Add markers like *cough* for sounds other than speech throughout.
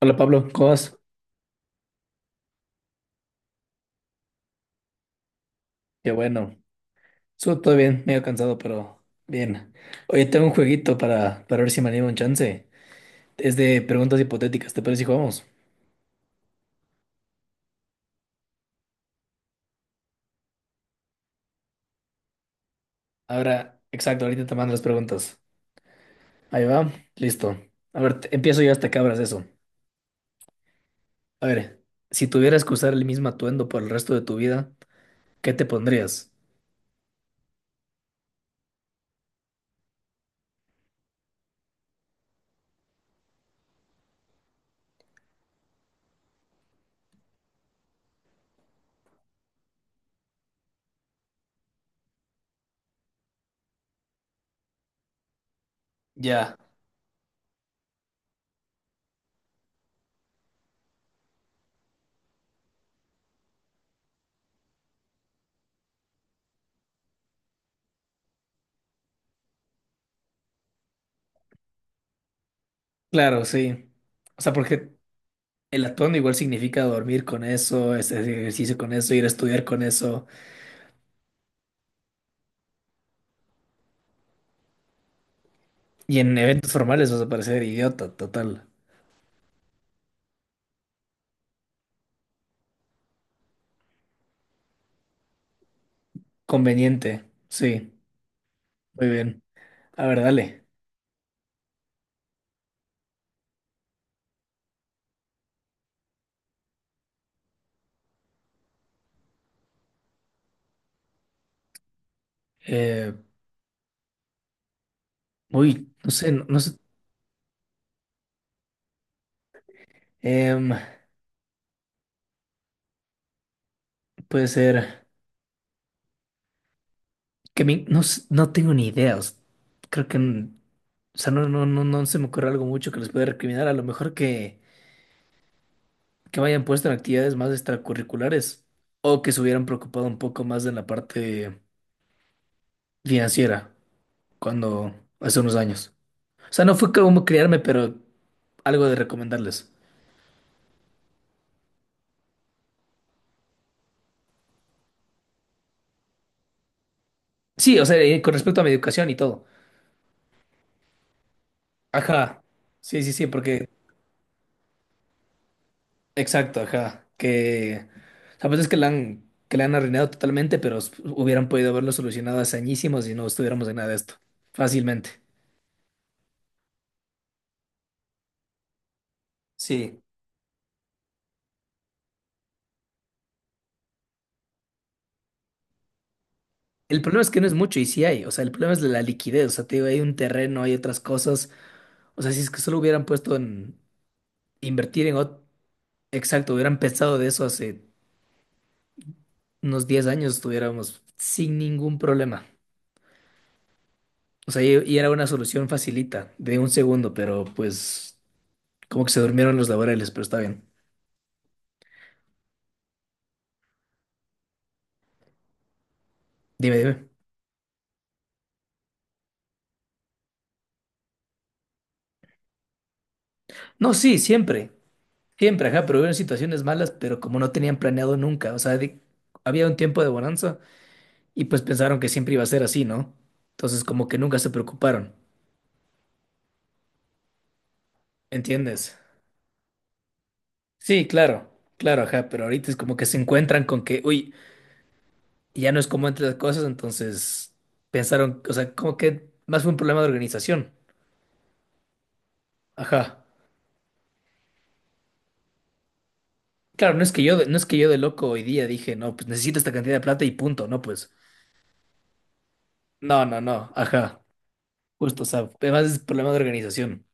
Hola Pablo, ¿cómo vas? Qué bueno. Estuvo todo bien, medio cansado, pero bien. Oye, tengo un jueguito para ver si me animo un chance. Es de preguntas hipotéticas, ¿te parece si jugamos? Ahora, exacto, ahorita te mando las preguntas. Ahí va, listo. A ver, empiezo yo hasta que abras eso. A ver, si tuvieras que usar el mismo atuendo por el resto de tu vida, ¿qué te pondrías? Ya. Claro, sí. O sea, porque el atuendo igual significa dormir con eso, hacer ejercicio con eso, ir a estudiar con eso. Y en eventos formales vas a parecer idiota, total. Conveniente, sí, muy bien. A ver, dale. Eh, uy, no sé, no, no sé. Em, puede ser que no, no tengo ni idea. Creo que, o sea, no, no, no, no se me ocurre algo mucho que les pueda recriminar. A lo mejor que me hayan puesto en actividades más extracurriculares o que se hubieran preocupado un poco más de la parte financiera cuando hace unos años. O sea, no fue como criarme, pero algo de recomendarles. Sí, o sea, con respecto a mi educación y todo. Ajá. Sí, sí, sí, porque. Exacto, ajá. Que. O sea, pues es que la han arruinado totalmente, pero hubieran podido haberlo solucionado hace añísimos y no estuviéramos en nada de esto. Fácilmente. Sí. El problema es que no es mucho y sí hay. O sea, el problema es la liquidez. O sea, te digo, hay un terreno, hay otras cosas. O sea, si es que solo hubieran puesto en invertir en otro. Exacto, hubieran pensado de eso hace unos 10 años, estuviéramos sin ningún problema. O sea, y era una solución facilita, de un segundo, pero pues como que se durmieron los laborales, pero está bien. Dime, dime. No, sí, siempre, ajá, pero hubieron situaciones malas, pero como no tenían planeado nunca, o sea, había un tiempo de bonanza y pues pensaron que siempre iba a ser así, ¿no? Entonces como que nunca se preocuparon, ¿entiendes? Sí, claro, claro, ajá, pero ahorita es como que se encuentran con que, uy, ya no es como antes las cosas, entonces pensaron, o sea, como que más fue un problema de organización, ajá. Claro, no es que yo, no es que yo de loco hoy día dije, no, pues necesito esta cantidad de plata y punto, no, pues, no, no, no, ajá, justo, o sea, además es problema de organización.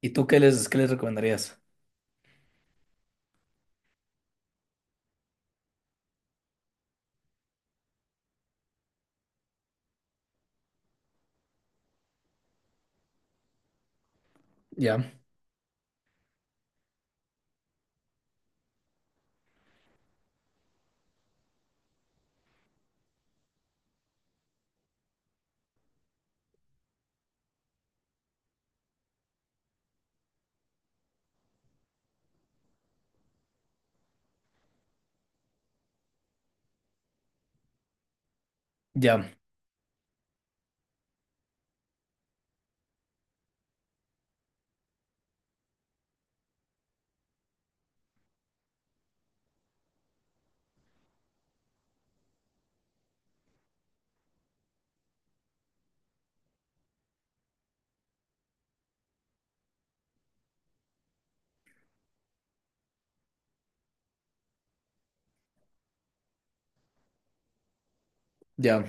¿Y tú qué les recomendarías? Ya, ya, ya,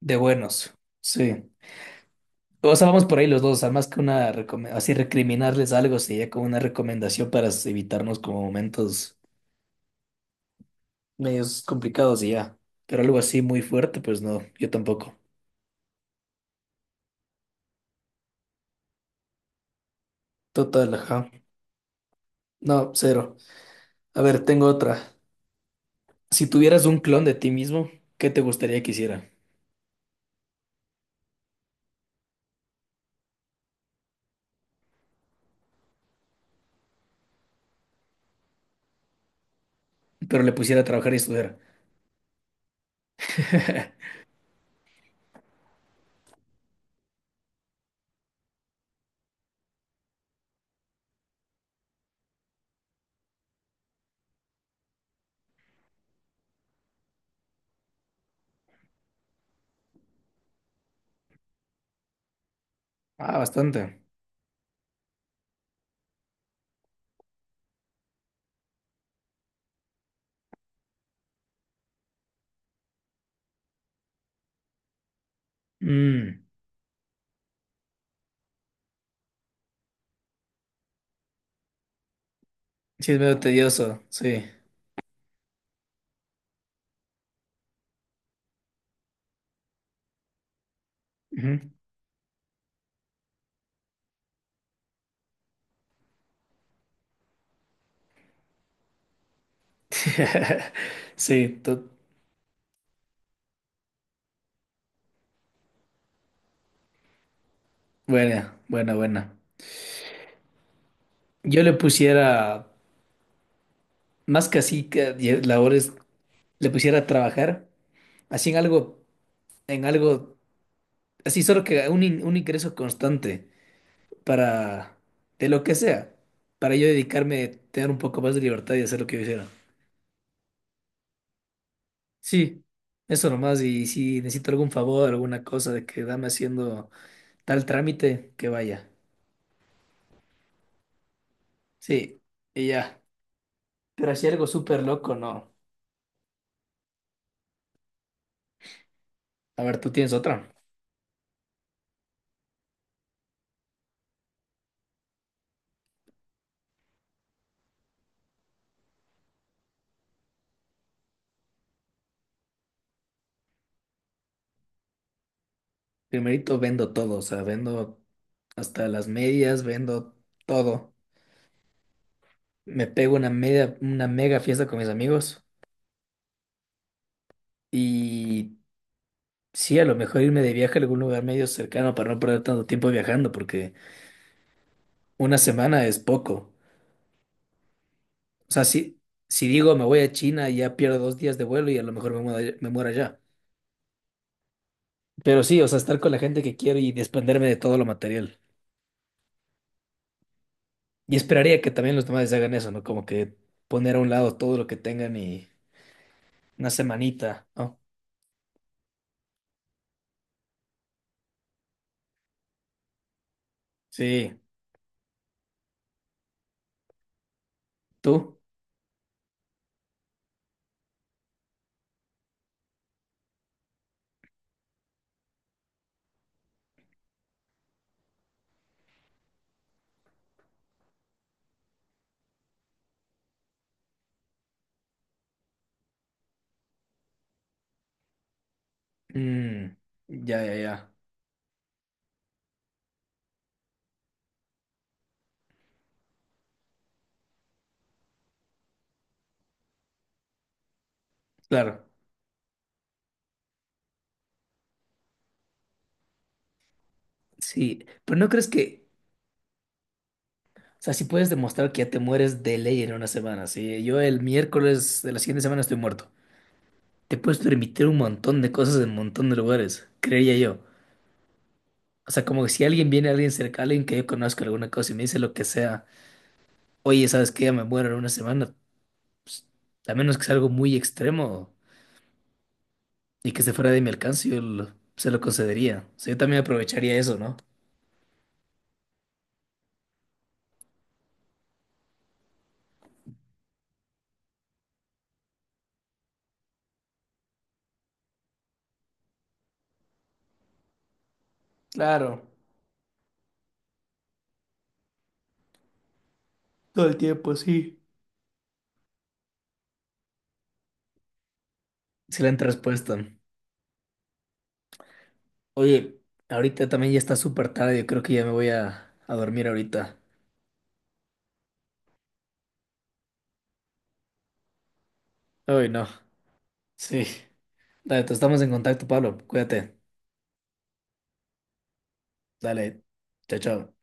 de buenos, sí. O sea, vamos por ahí los dos, o sea, más que una, así recriminarles algo, sería como una recomendación para evitarnos como momentos medios complicados y ya. Pero algo así muy fuerte, pues no, yo tampoco. Total, ajá. No, cero. A ver, tengo otra. Si tuvieras un clon de ti mismo, ¿qué te gustaría que hiciera? Pero le pusiera a trabajar y estudiar. *laughs* Ah, bastante. Mm, sí, es medio tedioso, sí. Ujú. *laughs* Sí, buena, buena, buena. Yo le pusiera, más que así, que labores, le pusiera a trabajar, así en algo, así solo que un, un ingreso constante para, de lo que sea, para yo dedicarme, tener un poco más de libertad y hacer lo que yo hiciera. Sí, eso nomás. Y si necesito algún favor, alguna cosa de que dame haciendo tal trámite, que vaya. Sí, y ya. Pero así algo súper loco, no. A ver, tú tienes otra. Primerito vendo todo, o sea, vendo hasta las medias, vendo todo. Me pego una media, una mega fiesta con mis amigos. Y sí, a lo mejor irme de viaje a algún lugar medio cercano para no perder tanto tiempo viajando, porque 1 semana es poco. O sea, si digo me voy a China, ya pierdo 2 días de vuelo y a lo mejor me muero allá. Pero sí, o sea, estar con la gente que quiero y desprenderme de todo lo material. Y esperaría que también los demás hagan eso, ¿no? Como que poner a un lado todo lo que tengan y una semanita, ¿no? Sí. ¿Tú? Mm, ya, ya, ya. Claro. Sí, pero ¿no crees que, o sea, si puedes demostrar que ya te mueres de ley en 1 semana, sí? Yo el miércoles de la siguiente semana estoy muerto. Te puedes permitir un montón de cosas en un montón de lugares, creería yo. O sea, como que si alguien viene, alguien cerca, alguien que yo conozco, alguna cosa, y me dice lo que sea, oye, ¿sabes qué? Ya me muero en 1 semana. Pues, a menos que sea algo muy extremo y que se fuera de mi alcance, se lo concedería. O sea, yo también aprovecharía eso, ¿no? Claro, todo el tiempo, sí. Excelente respuesta. Oye, ahorita también ya está súper tarde, yo creo que ya me voy a dormir ahorita. Ay, no. Sí. Dale, te estamos en contacto, Pablo. Cuídate. Dale. Chao, chao.